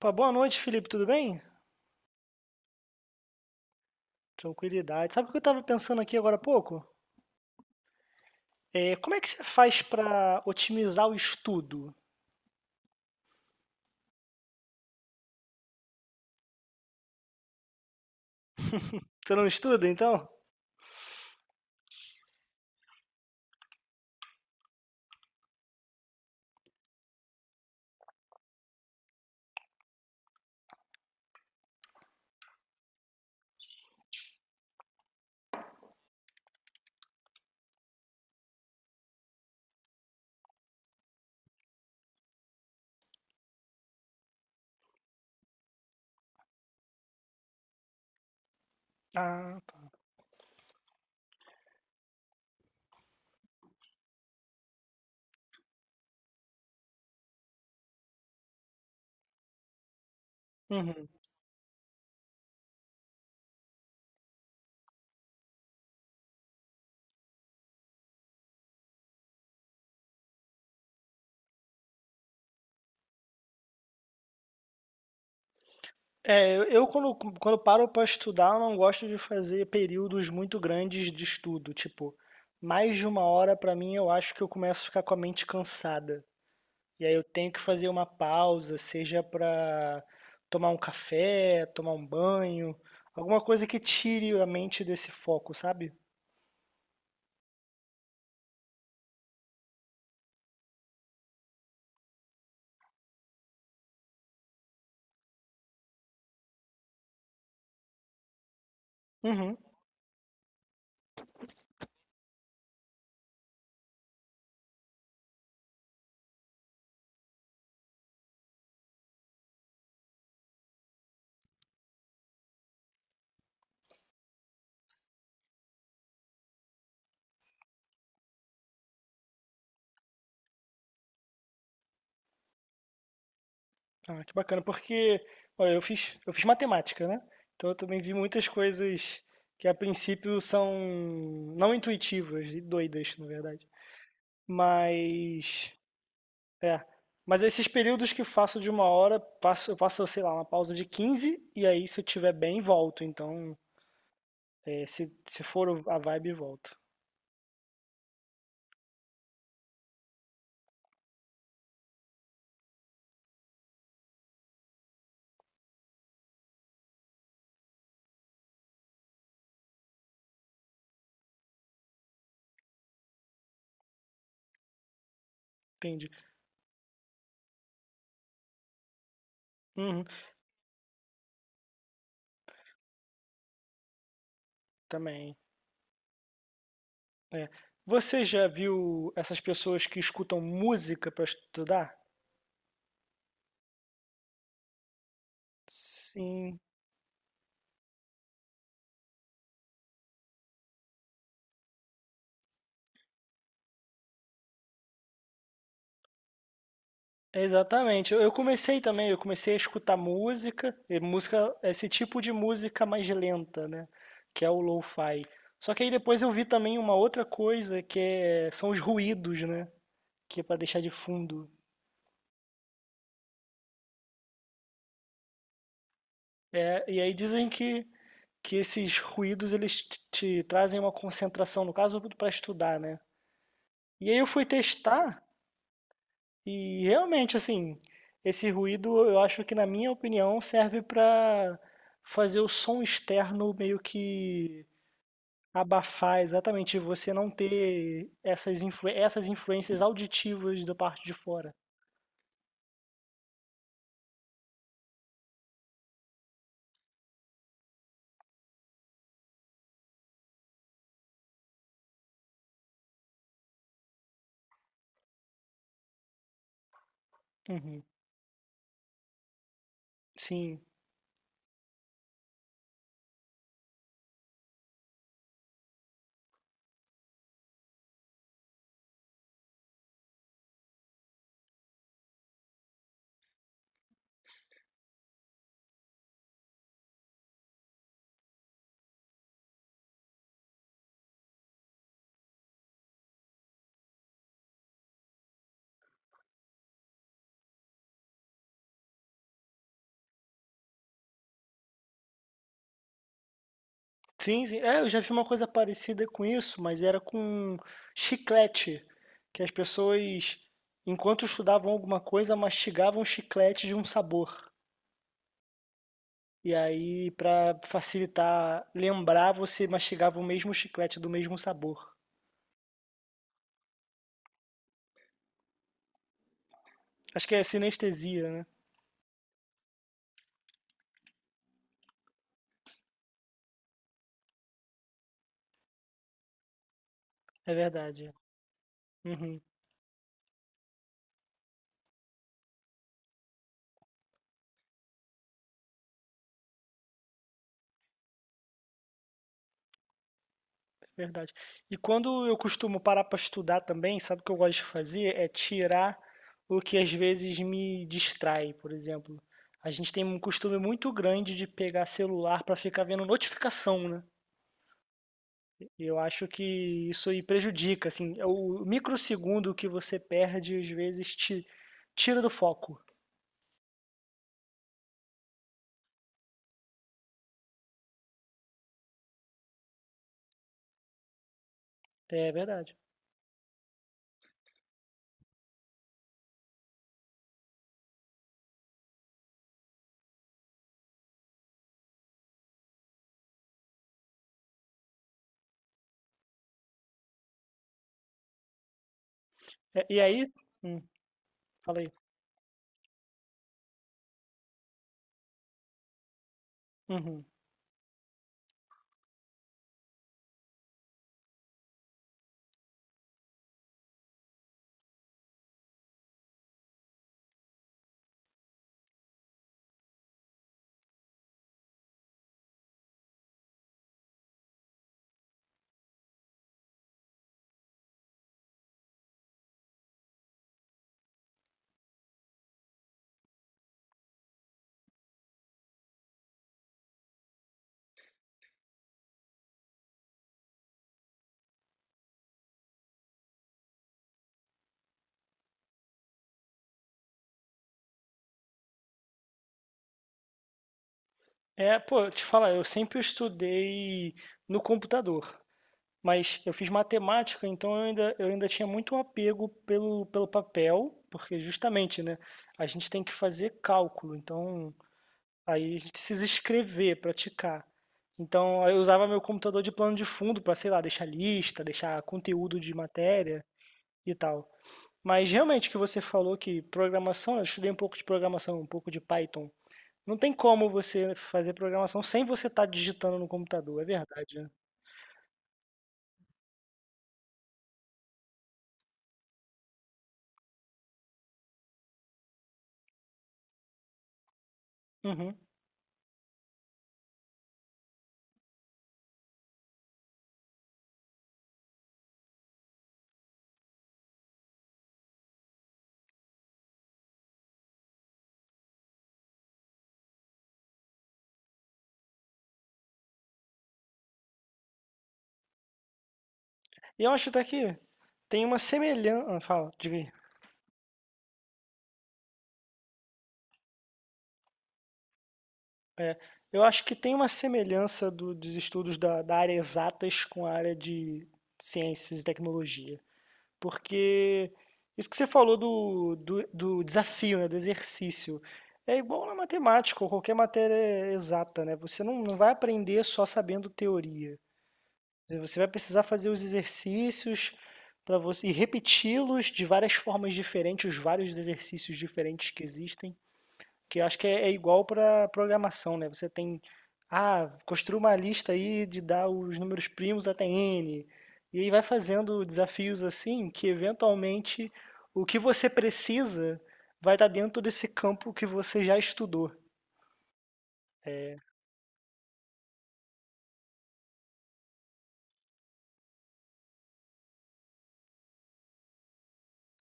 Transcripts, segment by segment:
Pô, boa noite, Felipe, tudo bem? Tranquilidade. Sabe o que eu estava pensando aqui agora há pouco? É, como é que você faz para otimizar o estudo? Você não estuda, então? Ah, tá. Uhum. É, eu quando, quando paro para estudar, eu não gosto de fazer períodos muito grandes de estudo. Tipo, mais de uma hora para mim, eu acho que eu começo a ficar com a mente cansada. E aí eu tenho que fazer uma pausa, seja para tomar um café, tomar um banho, alguma coisa que tire a mente desse foco, sabe? Uhum. Ah, que bacana, porque, olha, eu fiz matemática, né? Então eu também vi muitas coisas que a princípio são não intuitivas e doidas, na verdade. Mas, é. Mas esses períodos que faço de uma hora, eu passo, sei lá, uma pausa de 15 e aí se eu tiver bem, volto. Então, é, se for a vibe, volto. Entendi. Uhum, também. É. Você já viu essas pessoas que escutam música para estudar? Sim. Exatamente. Eu comecei também, eu comecei a escutar música, e música, esse tipo de música mais lenta, né? Que é o lo-fi. Só que aí depois eu vi também uma outra coisa que é, são os ruídos, né? Que é para deixar de fundo. É, e aí dizem que esses ruídos eles te trazem uma concentração, no caso, para estudar, né? E aí eu fui testar. E realmente, assim, esse ruído eu acho que, na minha opinião, serve para fazer o som externo meio que abafar exatamente, você não ter essas influências auditivas da parte de fora. Uhum. Sim. Sim, sim. É, eu já vi uma coisa parecida com isso, mas era com chiclete, que as pessoas, enquanto estudavam alguma coisa, mastigavam chiclete de um sabor. E aí, pra facilitar lembrar, você mastigava o mesmo chiclete do mesmo sabor. Acho que é sinestesia, né? É verdade. Uhum, é verdade. E quando eu costumo parar para estudar também, sabe o que eu gosto de fazer? É tirar o que às vezes me distrai, por exemplo. A gente tem um costume muito grande de pegar celular para ficar vendo notificação, né? E eu acho que isso aí prejudica, assim, é o microsegundo que você perde às vezes te tira do foco. É verdade. É, e aí hum, fala aí. Uhum. É, pô, eu te falar, eu sempre estudei no computador, mas eu fiz matemática, então eu ainda tinha muito um apego pelo papel, porque justamente, né, a gente tem que fazer cálculo, então aí a gente precisa escrever, praticar. Então eu usava meu computador de plano de fundo para, sei lá, deixar lista, deixar conteúdo de matéria e tal. Mas realmente o que você falou que programação, eu estudei um pouco de programação, um pouco de Python. Não tem como você fazer programação sem você estar digitando no computador, é verdade, né. Uhum. E eu acho até que tem uma semelhança. Fala, diga aí. Eu acho que tem uma semelhança do dos estudos da área exatas com a área de ciências e tecnologia, porque isso que você falou do desafio, né, do exercício, é igual na matemática ou qualquer matéria exata, né, você não vai aprender só sabendo teoria. E você vai precisar fazer os exercícios para você e repeti-los de várias formas diferentes, os vários exercícios diferentes que existem, que eu acho que é, é igual para programação, né? Você tem, ah, construa uma lista aí de dar os números primos até n, e aí vai fazendo desafios assim, que eventualmente o que você precisa vai estar dentro desse campo que você já estudou.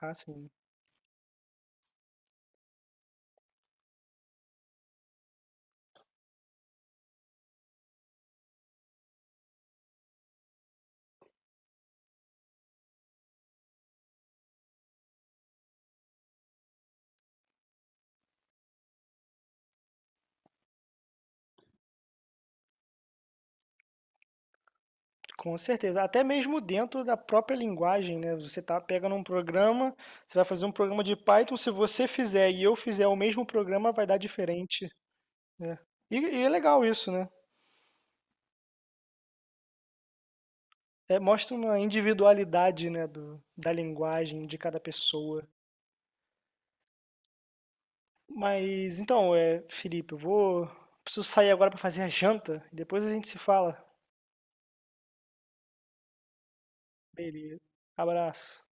Ah, sim. Com certeza, até mesmo dentro da própria linguagem, né? Você tá pegando um programa, você vai fazer um programa de Python, se você fizer e eu fizer o mesmo programa, vai dar diferente, né? E é legal isso, né? É, mostra uma individualidade, né, do, da linguagem de cada pessoa. Mas então, é, Felipe, eu vou preciso sair agora para fazer a janta e depois a gente se fala. Beleza. Abraço.